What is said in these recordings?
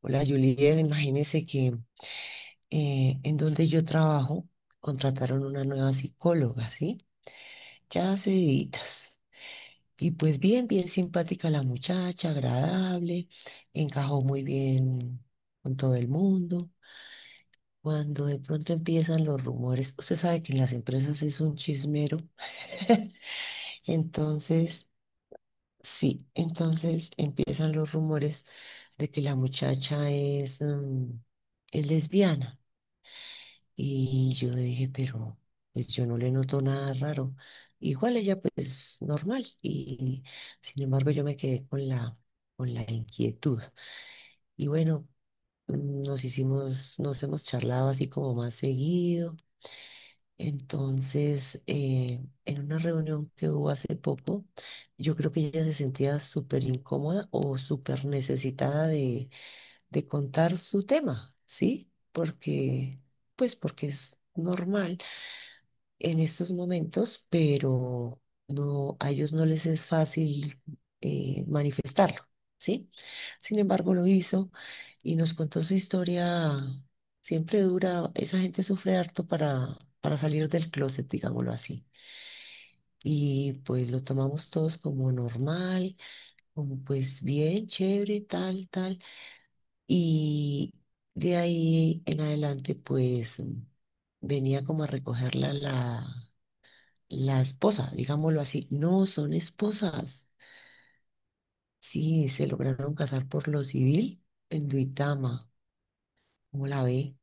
Hola, Juliet, imagínese que en donde yo trabajo contrataron una nueva psicóloga, ¿sí? Ya hace deditas. Y pues bien, bien simpática la muchacha, agradable, encajó muy bien con todo el mundo. Cuando de pronto empiezan los rumores, usted sabe que en las empresas es un chismero. Entonces, sí, entonces empiezan los rumores de que la muchacha es, es lesbiana. Y yo dije, pero pues yo no le noto nada raro. Igual ella pues normal. Y sin embargo yo me quedé con con la inquietud. Y bueno, nos hicimos, nos hemos charlado así como más seguido. Entonces, en una reunión que hubo hace poco, yo creo que ella se sentía súper incómoda o súper necesitada de contar su tema, ¿sí? Porque, pues porque es normal en estos momentos, pero no, a ellos no les es fácil manifestarlo, ¿sí? Sin embargo, lo hizo y nos contó su historia. Siempre dura, esa gente sufre harto para salir del closet, digámoslo así. Y pues lo tomamos todos como normal, como pues bien, chévere, tal, tal. Y de ahí en adelante, pues venía como a recogerla la esposa, digámoslo así. No, son esposas. Sí, se lograron casar por lo civil en Duitama. ¿Cómo la ve?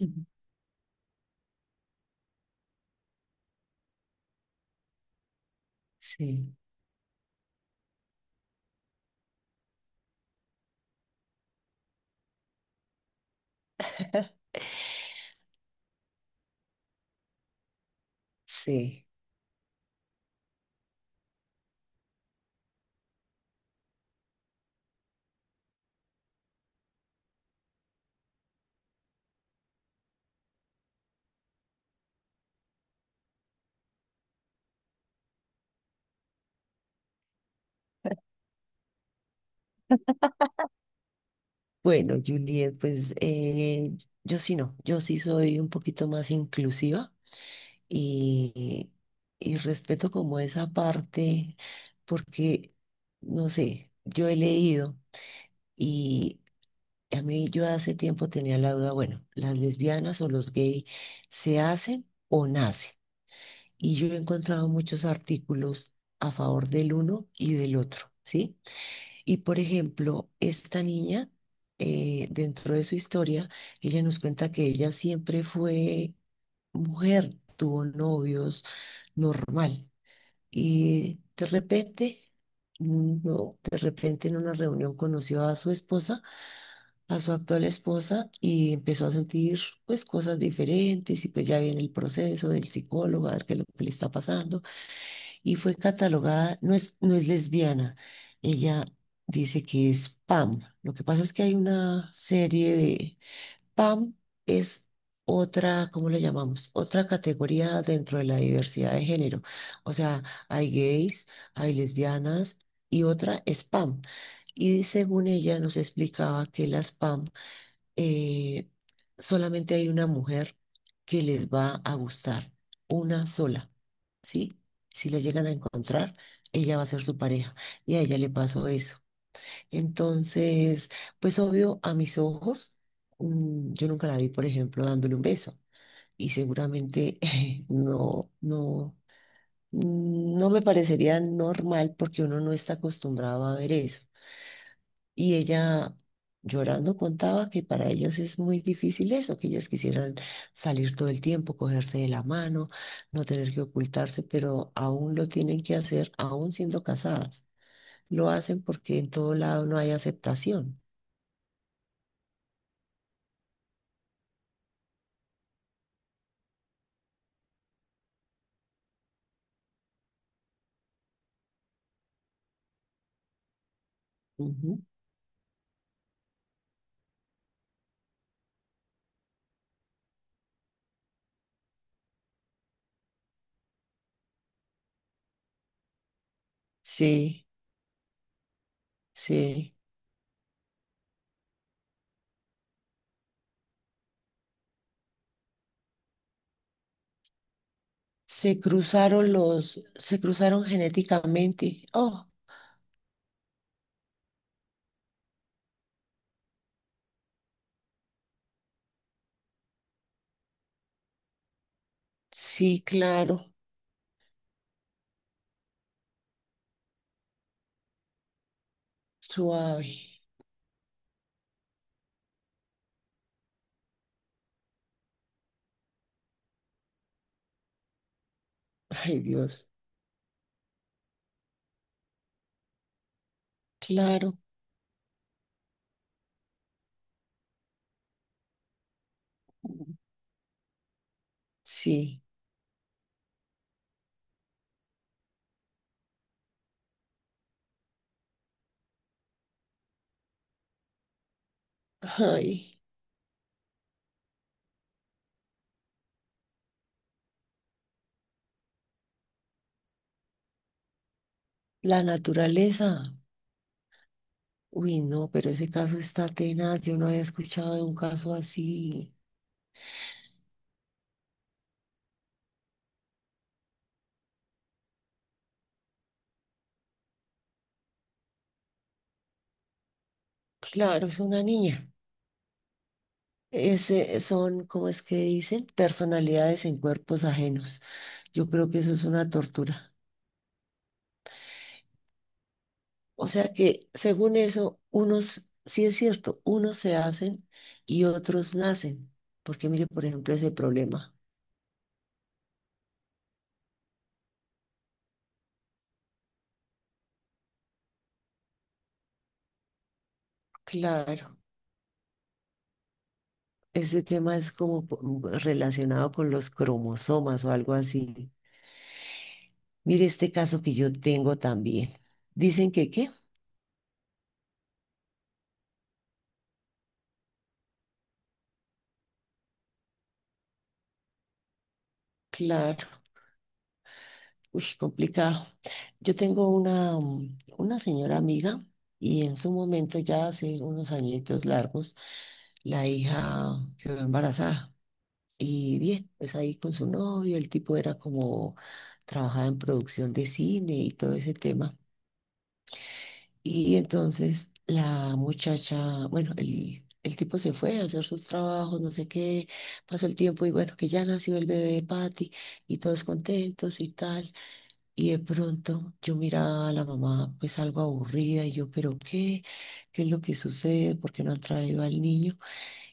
Ujú. Sí, sí. Bueno, Juliet, pues yo sí no, yo sí soy un poquito más inclusiva y, y respeto como esa parte porque, no sé, yo he leído y a mí yo hace tiempo tenía la duda, bueno, ¿las lesbianas o los gays se hacen o nacen? Y yo he encontrado muchos artículos a favor del uno y del otro, ¿sí? Y por ejemplo, esta niña, dentro de su historia, ella nos cuenta que ella siempre fue mujer, tuvo novios, normal. Y de repente, no, de repente en una reunión conoció a su esposa, a su actual esposa, y empezó a sentir pues cosas diferentes y pues ya viene el proceso del psicólogo a ver qué es lo que le está pasando. Y fue catalogada, no es, no es lesbiana, ella dice que es PAM. Lo que pasa es que hay una serie de PAM es otra, ¿cómo le llamamos? Otra categoría dentro de la diversidad de género. O sea, hay gays, hay lesbianas y otra es PAM. Y según ella nos explicaba que las PAM eh, solamente hay una mujer que les va a gustar, una sola, ¿sí? Si la llegan a encontrar, ella va a ser su pareja. Y a ella le pasó eso. Entonces, pues obvio, a mis ojos, yo nunca la vi, por ejemplo, dándole un beso. Y seguramente no, no, no me parecería normal porque uno no está acostumbrado a ver eso. Y ella llorando contaba que para ellas es muy difícil eso, que ellas quisieran salir todo el tiempo, cogerse de la mano, no tener que ocultarse, pero aún lo tienen que hacer, aún siendo casadas. Lo hacen porque en todo lado no hay aceptación. Ujú. Sí, sí. Se cruzaron los, se cruzaron genéticamente. Oh, sí, claro. Suave. Ay, Dios. Claro. Sí. Ay, la naturaleza. Uy, no, pero ese caso está tenaz. Yo no había escuchado de un caso así. Claro, es una niña. Ese son, ¿cómo es que dicen? Personalidades en cuerpos ajenos. Yo creo que eso es una tortura. O sea que, según eso, unos, sí es cierto, unos se hacen y otros nacen. Porque mire, por ejemplo, ese problema. Claro, ese tema es como po- relacionado con los cromosomas o algo así. Mire este caso que yo tengo también. Dicen que, ¿qué? Claro, uy, complicado. Yo tengo una, una señora amiga y en su momento, ya hace unos añitos largos, la hija quedó embarazada. Y bien, pues ahí con su novio, el tipo era como, trabajaba en producción de cine y todo ese tema. Y entonces la muchacha, bueno, el tipo se fue a hacer sus trabajos, no sé qué, pasó el tiempo y bueno, que ya nació el bebé de Patty y todos contentos y tal. Y de pronto yo miraba a la mamá pues algo aburrida y yo, pero ¿qué? ¿Qué es lo que sucede? ¿Por qué no han traído al niño?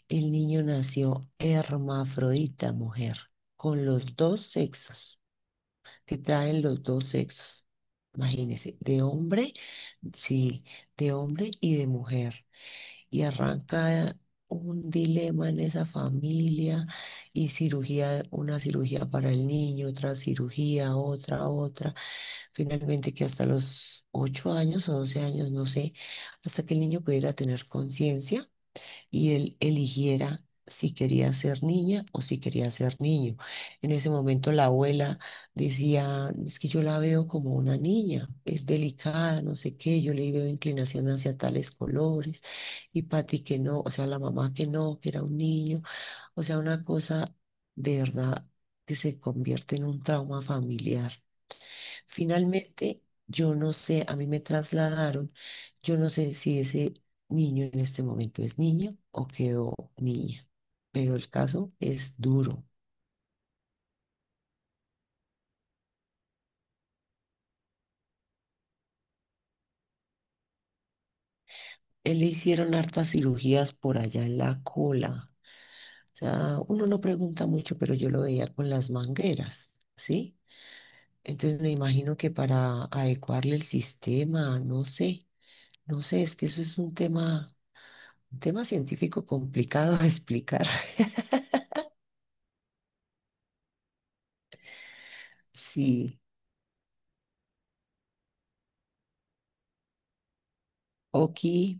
El niño nació hermafrodita, mujer, con los dos sexos, que traen los dos sexos. Imagínese, de hombre, sí, de hombre y de mujer. Y arranca un dilema en esa familia y cirugía, una cirugía para el niño, otra cirugía, otra, otra. Finalmente que hasta los ocho años o doce años, no sé, hasta que el niño pudiera tener conciencia y él eligiera si quería ser niña o si quería ser niño. En ese momento la abuela decía, es que yo la veo como una niña, es delicada, no sé qué, yo le veo inclinación hacia tales colores, y Pati que no, o sea, la mamá que no, que era un niño, o sea, una cosa de verdad que se convierte en un trauma familiar. Finalmente, yo no sé, a mí me trasladaron, yo no sé si ese niño en este momento es niño o quedó niña, pero el caso es duro. Él le hicieron hartas cirugías por allá en la cola. O sea, uno no pregunta mucho, pero yo lo veía con las mangueras, ¿sí? Entonces me imagino que para adecuarle el sistema, no sé, no sé, es que eso es un tema científico complicado de explicar. Sí. Oki.